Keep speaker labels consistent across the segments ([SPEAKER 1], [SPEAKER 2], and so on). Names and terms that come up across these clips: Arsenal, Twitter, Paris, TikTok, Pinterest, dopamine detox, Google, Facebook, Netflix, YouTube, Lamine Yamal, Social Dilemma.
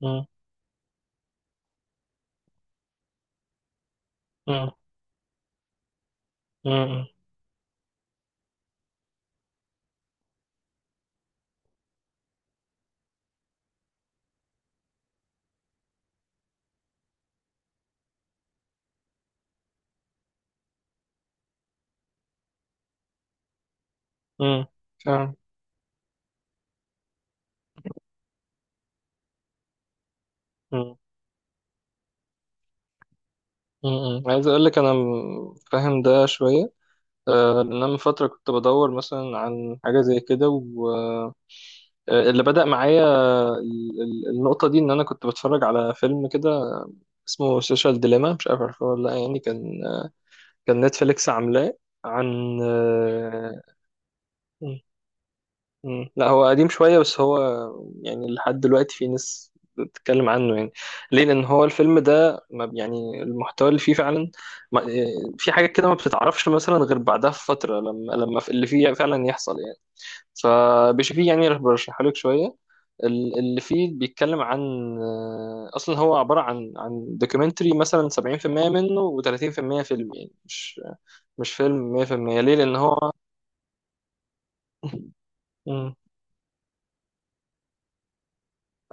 [SPEAKER 1] مم. مم. مم. مم. فاهم. مم. مم. عايز اقول لك انا فاهم ده شويه. لان انا من فتره كنت بدور مثلا عن حاجه زي كده، واللي بدا معايا النقطه دي، ان انا كنت بتفرج على فيلم كده اسمه سوشيال ديليما، مش عارف عارفه ولا لا. يعني كان نتفليكس عاملاه عن... مم. لا هو قديم شوية، بس هو يعني لحد دلوقتي في ناس بتتكلم عنه. يعني ليه؟ لأن هو الفيلم ده ما يعني المحتوى اللي فيه فعلا ما إيه، في حاجات كده ما بتتعرفش مثلا غير بعدها في فترة، لما في اللي فيه فعلا يحصل يعني، فبشوفيه، يعني برشحه لك شوية. اللي فيه بيتكلم عن أصلا هو عبارة عن دوكيومنتري، مثلا 70% منه و30% فيلم، يعني مش فيلم 100%. ليه؟ لأن هو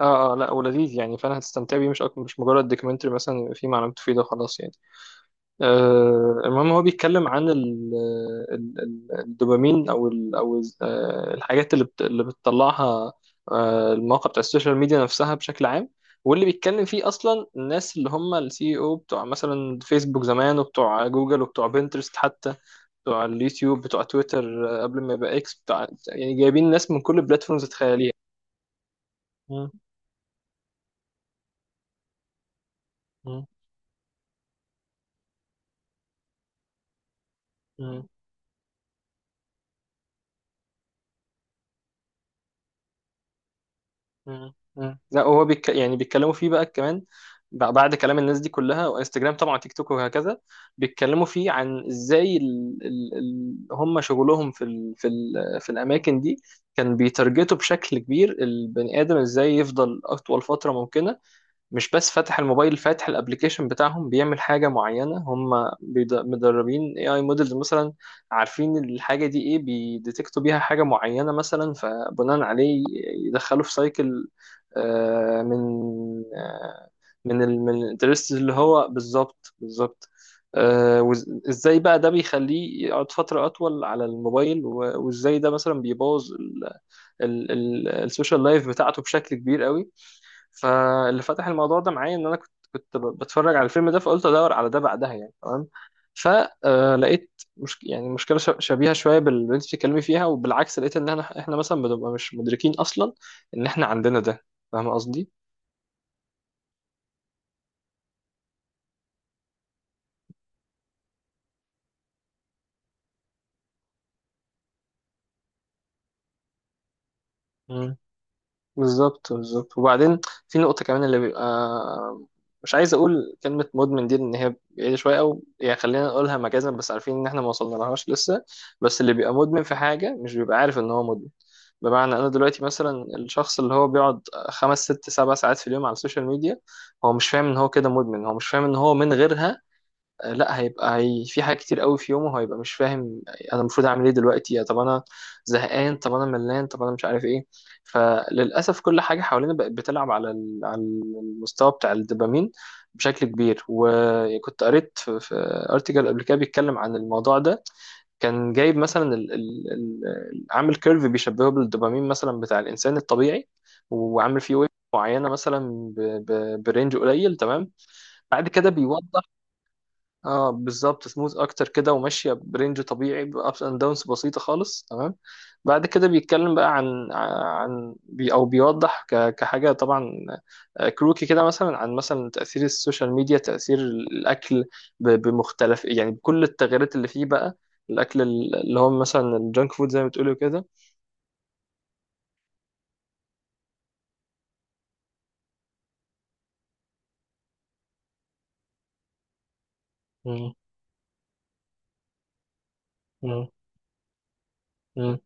[SPEAKER 1] اه لا، ولذيذ يعني، فانا هتستمتع بيه مش أكتر، مش مجرد دوكيومنتري مثلا فيه معلومات مفيده وخلاص يعني. المهم هو بيتكلم عن ال ال ال الدوبامين او ال او ال- آه، الحاجات اللي بتطلعها المواقع بتاع السوشيال ميديا نفسها بشكل عام. واللي بيتكلم فيه اصلا الناس اللي هم السي او بتوع مثلا فيسبوك زمان، وبتوع جوجل، وبتوع بنترست حتى، بتوع اليوتيوب، بتوع تويتر قبل ما يبقى اكس، بتوع يعني جايبين ناس من كل البلاتفورمز. تتخيليها؟ مم. مم. لا هو يعني بيتكلموا فيه بقى كمان، بعد كلام الناس دي كلها، وانستجرام طبعا، تيك توك، وهكذا. بيتكلموا فيه عن ازاي هم شغلهم في الاماكن دي كان بيترجتوا بشكل كبير البني ادم ازاي يفضل اطول فتره ممكنه، مش بس فاتح الموبايل، فاتح الابليكيشن بتاعهم بيعمل حاجة معينة. هم مدربين اي موديلز مثلا، عارفين الحاجة دي ايه، بيديتكتوا بيها حاجة معينة مثلا، فبناء عليه يدخلوا في سايكل من آه، من ال من الانترست اللي هو. بالظبط، بالظبط. ازاي بقى ده بيخليه يقعد فترة اطول على الموبايل، وازاي ده مثلا بيبوظ السوشيال لايف بتاعته بشكل كبير قوي. فاللي فتح الموضوع ده معايا ان انا كنت بتفرج على الفيلم ده، فقلت ادور على ده بعدها يعني. تمام؟ فلقيت مش يعني مشكله شبيهه شويه باللي انت بتتكلمي فيها، وبالعكس لقيت ان احنا مثلا بنبقى مش مدركين اصلا ان احنا عندنا ده. فاهم قصدي؟ بالظبط، بالظبط. وبعدين في نقطة كمان، اللي بيبقى مش عايز أقول كلمة مدمن دي لأن هي بعيدة شوية، أو يعني خلينا نقولها مجازا، بس عارفين إن إحنا ما وصلنا لهاش لسه، بس اللي بيبقى مدمن في حاجة مش بيبقى عارف إن هو مدمن. بمعنى أنا دلوقتي مثلا الشخص اللي هو بيقعد 5 6 7 ساعات في اليوم على السوشيال ميديا، هو مش فاهم إن هو كده مدمن، هو مش فاهم إن هو من غيرها لا، هيبقى هي في حاجات كتير قوي في يومه هيبقى مش فاهم انا المفروض اعمل ايه دلوقتي. طب انا زهقان، طب انا ملان، طب انا مش عارف ايه. فللاسف كل حاجه حوالينا بقت بتلعب على على المستوى بتاع الدوبامين بشكل كبير. وكنت قريت في ارتكل قبل كده بيتكلم عن الموضوع ده، كان جايب مثلا عامل كيرف بيشبهه بالدوبامين مثلا بتاع الانسان الطبيعي، وعامل فيه ويف معينه مثلا برينج قليل. تمام؟ بعد كده بيوضح. اه بالظبط، سموث اكتر كده، وماشيه برينج طبيعي، بابس اند داونز بسيطه خالص. تمام؟ بعد كده بيتكلم بقى عن بي او بيوضح كحاجه طبعا كروكي كده مثلا عن مثلا تاثير السوشيال ميديا، تاثير الاكل، بمختلف يعني بكل التغيرات اللي فيه بقى، الاكل اللي هو مثلا الجانك فود زي ما بتقولوا كده. مم، مم، مم،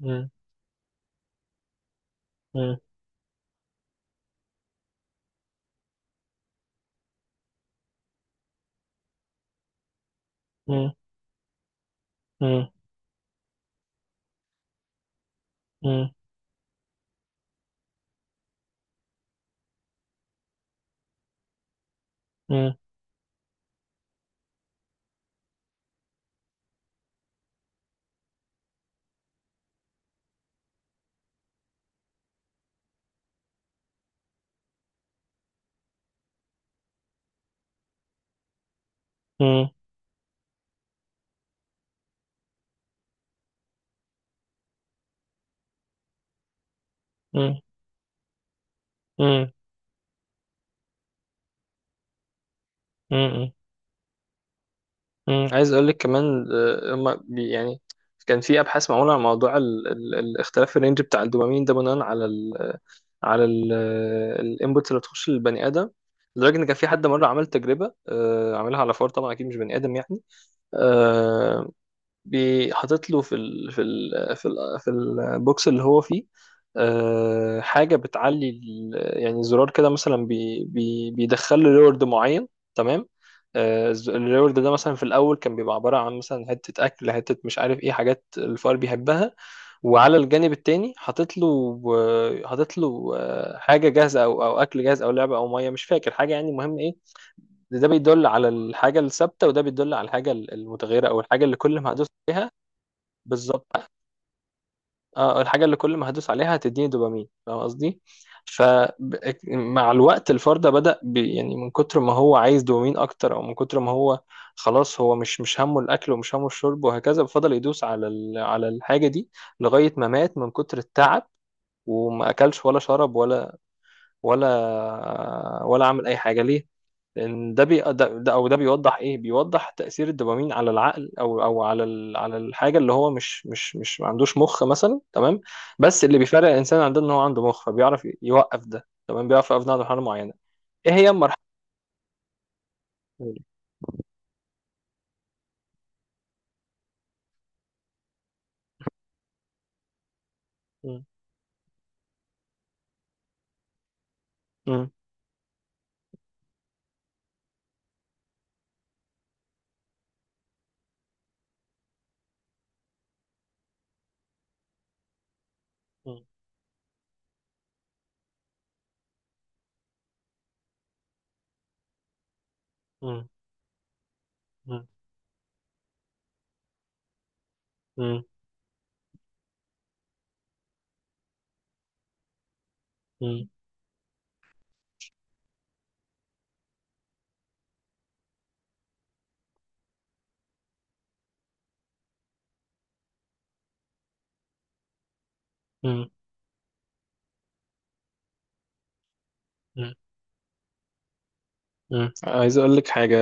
[SPEAKER 1] مم، مم، مم، مم، مم، مم، مم، مم، مم، مم. عايز اقول لك كمان هما يعني كان في ابحاث معموله عن موضوع ال ال الاختلاف الرينج بتاع الدوبامين ده بناء على ال... على الانبوتس اللي بتخش للبني ادم. لدرجه ان كان في حد مره عمل تجربه، عملها على فار طبعا، اكيد مش بني ادم يعني. آه، بيحاطط له في البوكس اللي هو فيه حاجة بتعلي يعني زرار كده مثلا، بي بي بيدخل له ريورد معين. تمام؟ الريورد ده مثلا في الأول كان بيبقى عبارة عن مثلا حتة أكل، حتة مش عارف إيه، حاجات الفار بيحبها. وعلى الجانب التاني حاطط له حاجة جاهزة، أو أكل جاهز أو لعبة أو مية، مش فاكر حاجة. يعني مهم إيه؟ ده ده بيدل على الحاجة الثابتة، وده بيدل على الحاجة المتغيرة، أو الحاجة اللي كل ما هدوس عليها. بالظبط. اه، الحاجه اللي كل ما هدوس عليها هتديني دوبامين. فاهم قصدي؟ فمع الوقت الفرد بدا يعني من كتر ما هو عايز دوبامين اكتر، او من كتر ما هو خلاص هو مش همه الاكل ومش همه الشرب وهكذا، فضل يدوس على على الحاجه دي لغايه ما مات من كتر التعب، وما اكلش ولا شرب ولا عمل اي حاجه. ليه؟ لان ده بي ده ده- او ده بيوضح ايه، بيوضح تاثير الدوبامين على العقل، او على على الحاجه اللي هو مش مش مش ما عندوش مخ مثلا. تمام؟ بس اللي بيفرق الانسان عن ده ان هو عنده مخ، فبيعرف يوقف ده. تمام، بيعرف يوقف ده عند مرحله معينه. ايه هي المرحله الأولى؟ م- م- م- م- م- م- م- م- مم. عايز اقول لك حاجه،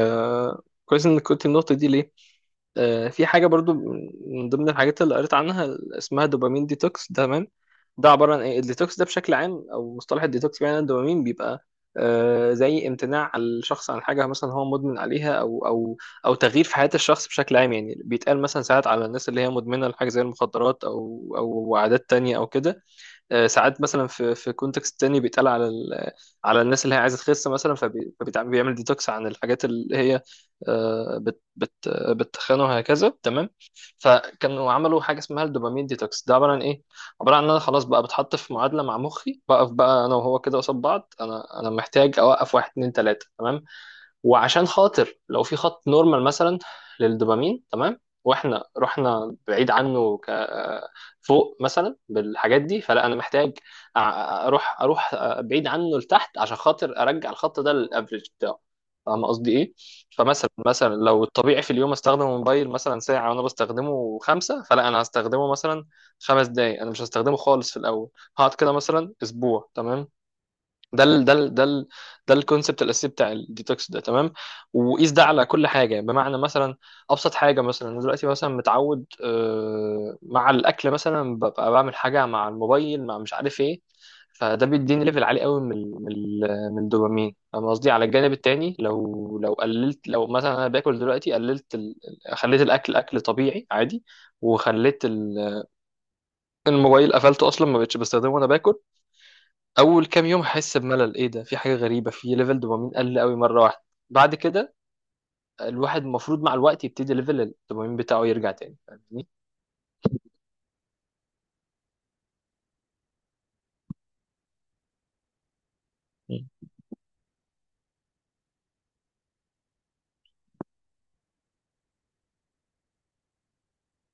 [SPEAKER 1] كويس انك قلت النقطه دي. ليه؟ في حاجه برضو من ضمن الحاجات اللي قريت عنها اسمها دوبامين ديتوكس ده. تمام؟ ده عباره عن ايه الديتوكس ده بشكل عام؟ او مصطلح الديتوكس بمعنى الدوبامين بيبقى زي امتناع الشخص عن حاجه مثلا هو مدمن عليها، او تغيير في حياه الشخص بشكل عام. يعني بيتقال مثلا ساعات على الناس اللي هي مدمنه لحاجه زي المخدرات او عادات تانية او كده. ساعات مثلا في كونتكست تاني بيتقال على الناس اللي هي عايزه تخس مثلا، فبيعمل ديتوكس عن الحاجات اللي هي آه، بت بت بتخنه وهكذا. تمام؟ فكانوا عملوا حاجه اسمها الدوبامين ديتوكس. ده عباره عن ايه؟ عباره عن ان انا خلاص بقى بتحط في معادله مع مخي، بقف بقى انا وهو كده قصاد بعض. انا محتاج اوقف واحد اتنين تلاته. تمام؟ وعشان خاطر لو في خط نورمال مثلا للدوبامين، تمام، واحنا رحنا بعيد عنه فوق مثلا بالحاجات دي، فلا انا محتاج اروح اروح بعيد عنه لتحت عشان خاطر ارجع الخط ده للافريج بتاعه. فاهم قصدي ايه؟ فمثلا لو الطبيعي في اليوم استخدم الموبايل مثلا ساعه، وانا بستخدمه 5، فلا انا هستخدمه مثلا 5 دقايق، انا مش هستخدمه خالص في الاول، هقعد كده مثلا اسبوع. تمام؟ ده ال ده ال ده ال ده الكونسبت الاساسي بتاع الديتوكس ده. تمام؟ وقيس ده على كل حاجه. بمعنى مثلا، ابسط حاجه، مثلا انا دلوقتي مثلا متعود مع الاكل مثلا ببقى بعمل حاجه مع الموبايل، مع مش عارف ايه، فده بيديني ليفل عالي قوي من من الدوبامين. فاهم قصدي؟ على الجانب التاني، لو قللت، لو مثلا انا باكل دلوقتي قللت. خليت الاكل اكل طبيعي عادي، وخليت الموبايل قفلته اصلا، ما بقتش بستخدمه وانا باكل. اول كام يوم هحس بملل، ايه ده، في حاجه غريبه، في ليفل دوبامين قل قوي مره واحده. بعد كده الواحد المفروض مع الوقت يبتدي ليفل الدوبامين بتاعه يرجع تاني. فاهمني؟ مم.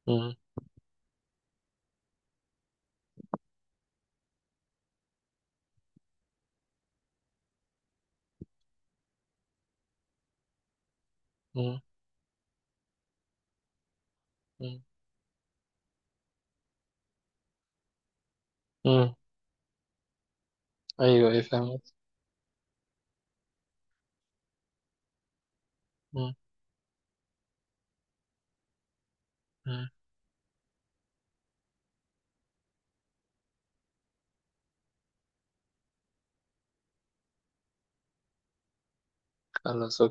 [SPEAKER 1] مم. مم. مم. ايوه، ايوه، ايه، فاهم. مم. مم. خلاص.